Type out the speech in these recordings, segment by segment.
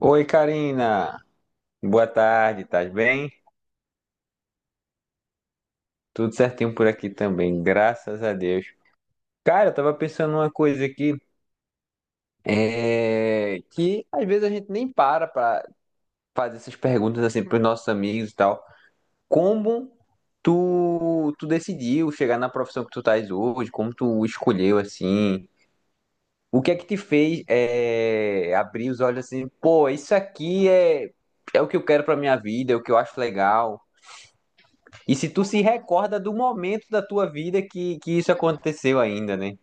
Oi, Karina. Boa tarde, tá bem? Tudo certinho por aqui também, graças a Deus. Cara, eu tava pensando numa coisa aqui, que às vezes a gente nem para pra fazer essas perguntas assim pros nossos amigos e tal. Como tu decidiu chegar na profissão que tu estás hoje? Como tu escolheu assim? O que é que te fez abrir os olhos assim, pô, é o que eu quero pra minha vida, é o que eu acho legal. E se tu se recorda do momento da tua vida que isso aconteceu ainda, né?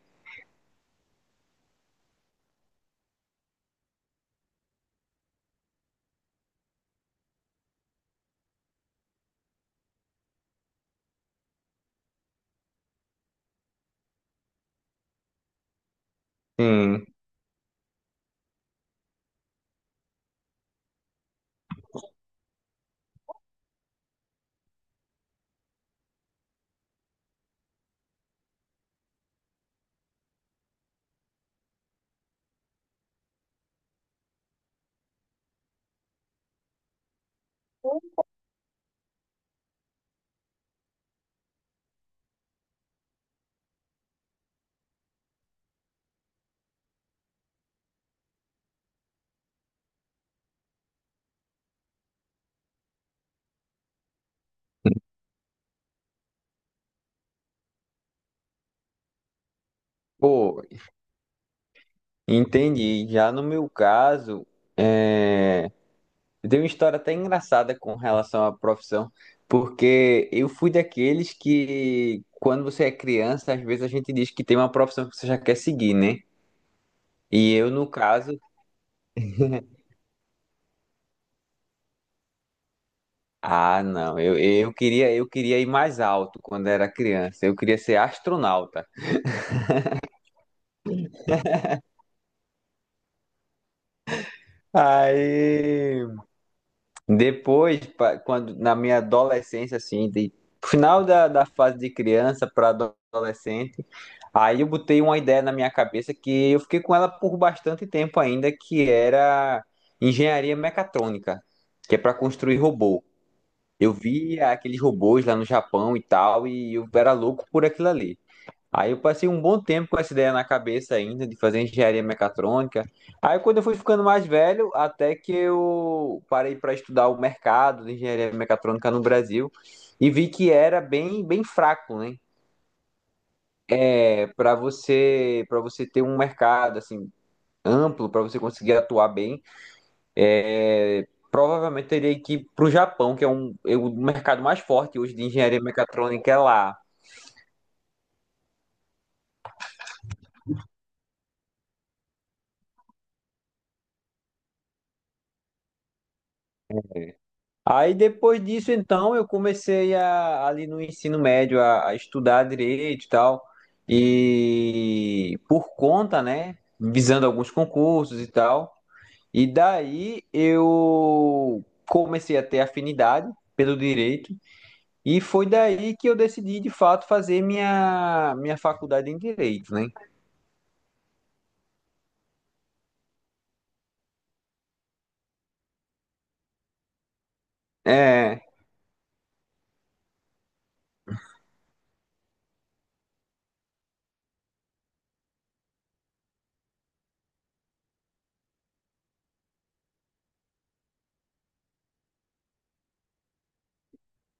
Sim. Pô, entendi. Já no meu caso, é... eu tenho uma história até engraçada com relação à profissão, porque eu fui daqueles que, quando você é criança, às vezes a gente diz que tem uma profissão que você já quer seguir, né? E eu, no caso, ah, não, eu queria ir mais alto quando era criança, eu queria ser astronauta. Aí Quando na minha adolescência, assim, de final da fase de criança para adolescente, aí eu botei uma ideia na minha cabeça que eu fiquei com ela por bastante tempo ainda, que era engenharia mecatrônica, que é para construir robô. Eu via aqueles robôs lá no Japão e tal, e eu era louco por aquilo ali. Aí eu passei um bom tempo com essa ideia na cabeça ainda, de fazer engenharia mecatrônica. Aí quando eu fui ficando mais velho, até que eu parei para estudar o mercado de engenharia mecatrônica no Brasil e vi que era bem fraco, né? É, para você ter um mercado assim amplo, para você conseguir atuar bem, provavelmente teria que ir para o Japão, que é é o mercado mais forte hoje de engenharia mecatrônica é lá. Aí depois disso, então, eu comecei ali no ensino médio a estudar direito e tal. E por conta, né, visando alguns concursos e tal. E daí eu comecei a ter afinidade pelo direito. E foi daí que eu decidi, de fato, fazer minha faculdade em direito, né? É,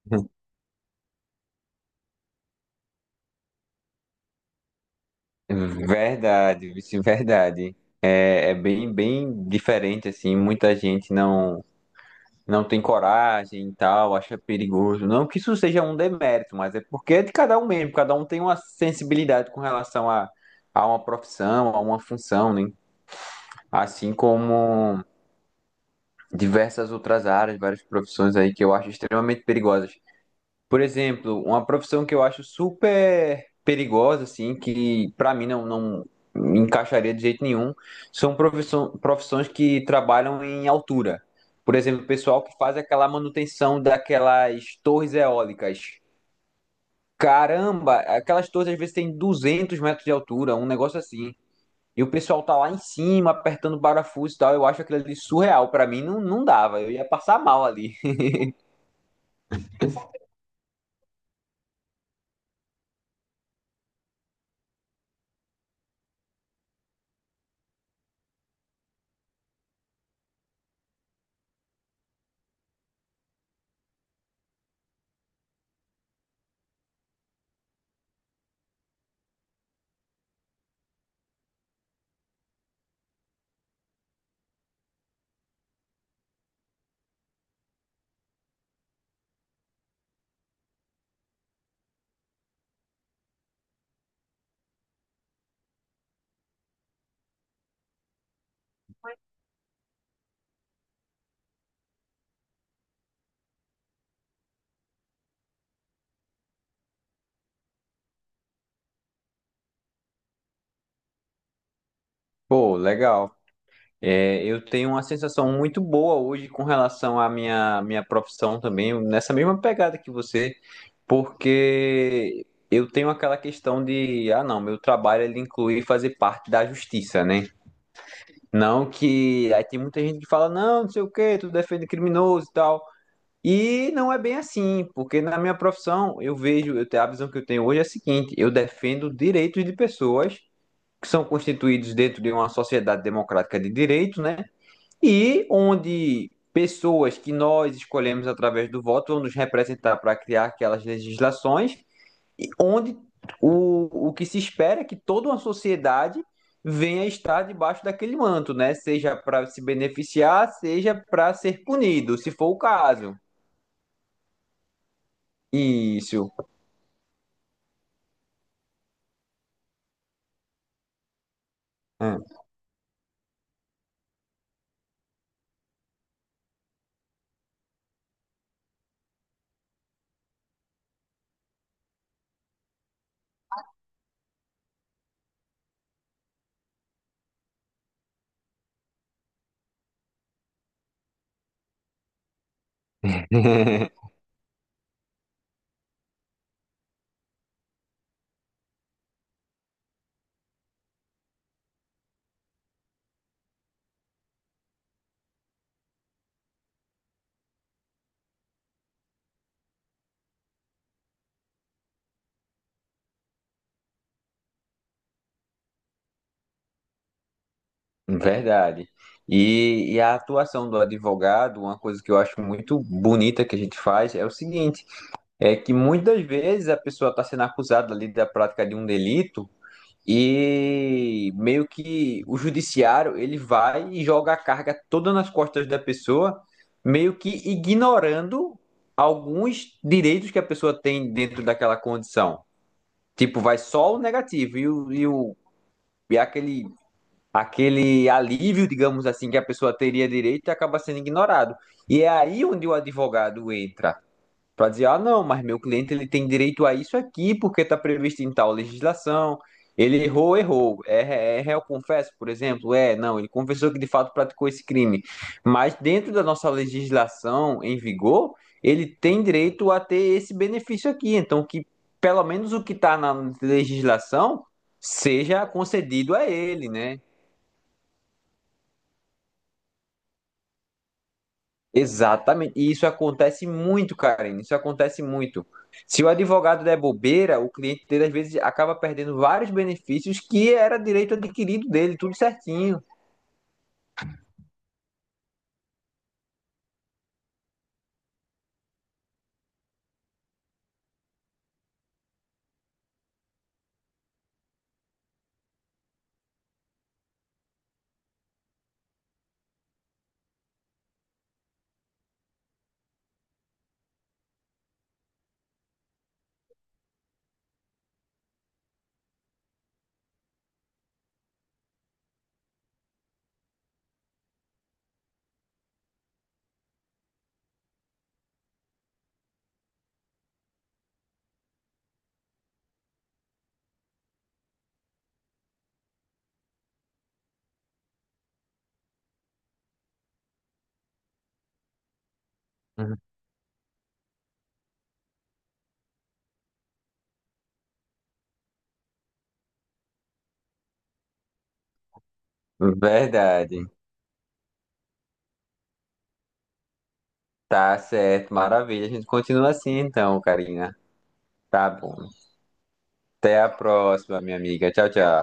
verdade, vice, verdade. É, bem diferente, assim, muita gente não tem coragem e tal, acha perigoso. Não que isso seja um demérito, mas é porque é de cada um mesmo, cada um tem uma sensibilidade a uma profissão, a uma função, né? Assim como diversas outras áreas, várias profissões aí que eu acho extremamente perigosas. Por exemplo, uma profissão que eu acho super perigosa, assim, que pra mim não me encaixaria de jeito nenhum, são profissões que trabalham em altura. Por exemplo, o pessoal que faz aquela manutenção daquelas torres eólicas. Caramba, aquelas torres às vezes têm 200 metros de altura, um negócio assim. E o pessoal tá lá em cima, apertando parafuso e tal. Eu acho aquilo ali surreal. Pra mim, não dava. Eu ia passar mal ali. Pô, legal. É, eu tenho uma sensação muito boa hoje com relação à minha profissão também, nessa mesma pegada que você, porque eu tenho aquela questão de, ah, não, meu trabalho ele inclui fazer parte da justiça, né? Não que aí tem muita gente que fala, não, não sei o quê, tu defende criminoso e tal. E não é bem assim, porque na minha profissão eu vejo, eu tenho a visão que eu tenho hoje é a seguinte, eu defendo direitos de pessoas que são constituídos dentro de uma sociedade democrática de direito, né? E onde pessoas que nós escolhemos através do voto vão nos representar para criar aquelas legislações, e onde o que se espera é que toda uma sociedade venha estar debaixo daquele manto, né? Seja para se beneficiar, seja para ser punido, se for o caso. Isso. É. Verdade. E a atuação do advogado, uma coisa que eu acho muito bonita que a gente faz, é o seguinte. É que muitas vezes a pessoa está sendo acusada ali da prática de um delito e meio que o judiciário ele vai e joga a carga toda nas costas da pessoa, meio que ignorando alguns direitos que a pessoa tem dentro daquela condição. Tipo, vai só o negativo e aquele alívio, digamos assim, que a pessoa teria direito acaba sendo ignorado. E é aí onde o advogado entra. Para dizer, ah, não, mas meu cliente ele tem direito a isso aqui porque está previsto em tal legislação. Ele errou, errou. É, é réu confesso, por exemplo? É, não, ele confessou que de fato praticou esse crime. Mas dentro da nossa legislação em vigor, ele tem direito a ter esse benefício aqui. Então, que pelo menos o que está na legislação seja concedido a ele, né? Exatamente. E isso acontece muito, Karine. Isso acontece muito. Se o advogado der bobeira, o cliente dele às vezes acaba perdendo vários benefícios que era direito adquirido dele, tudo certinho. Uhum. Verdade. Tá certo, maravilha. A gente continua assim então, Karina. Tá bom. Até a próxima, minha amiga. Tchau, tchau.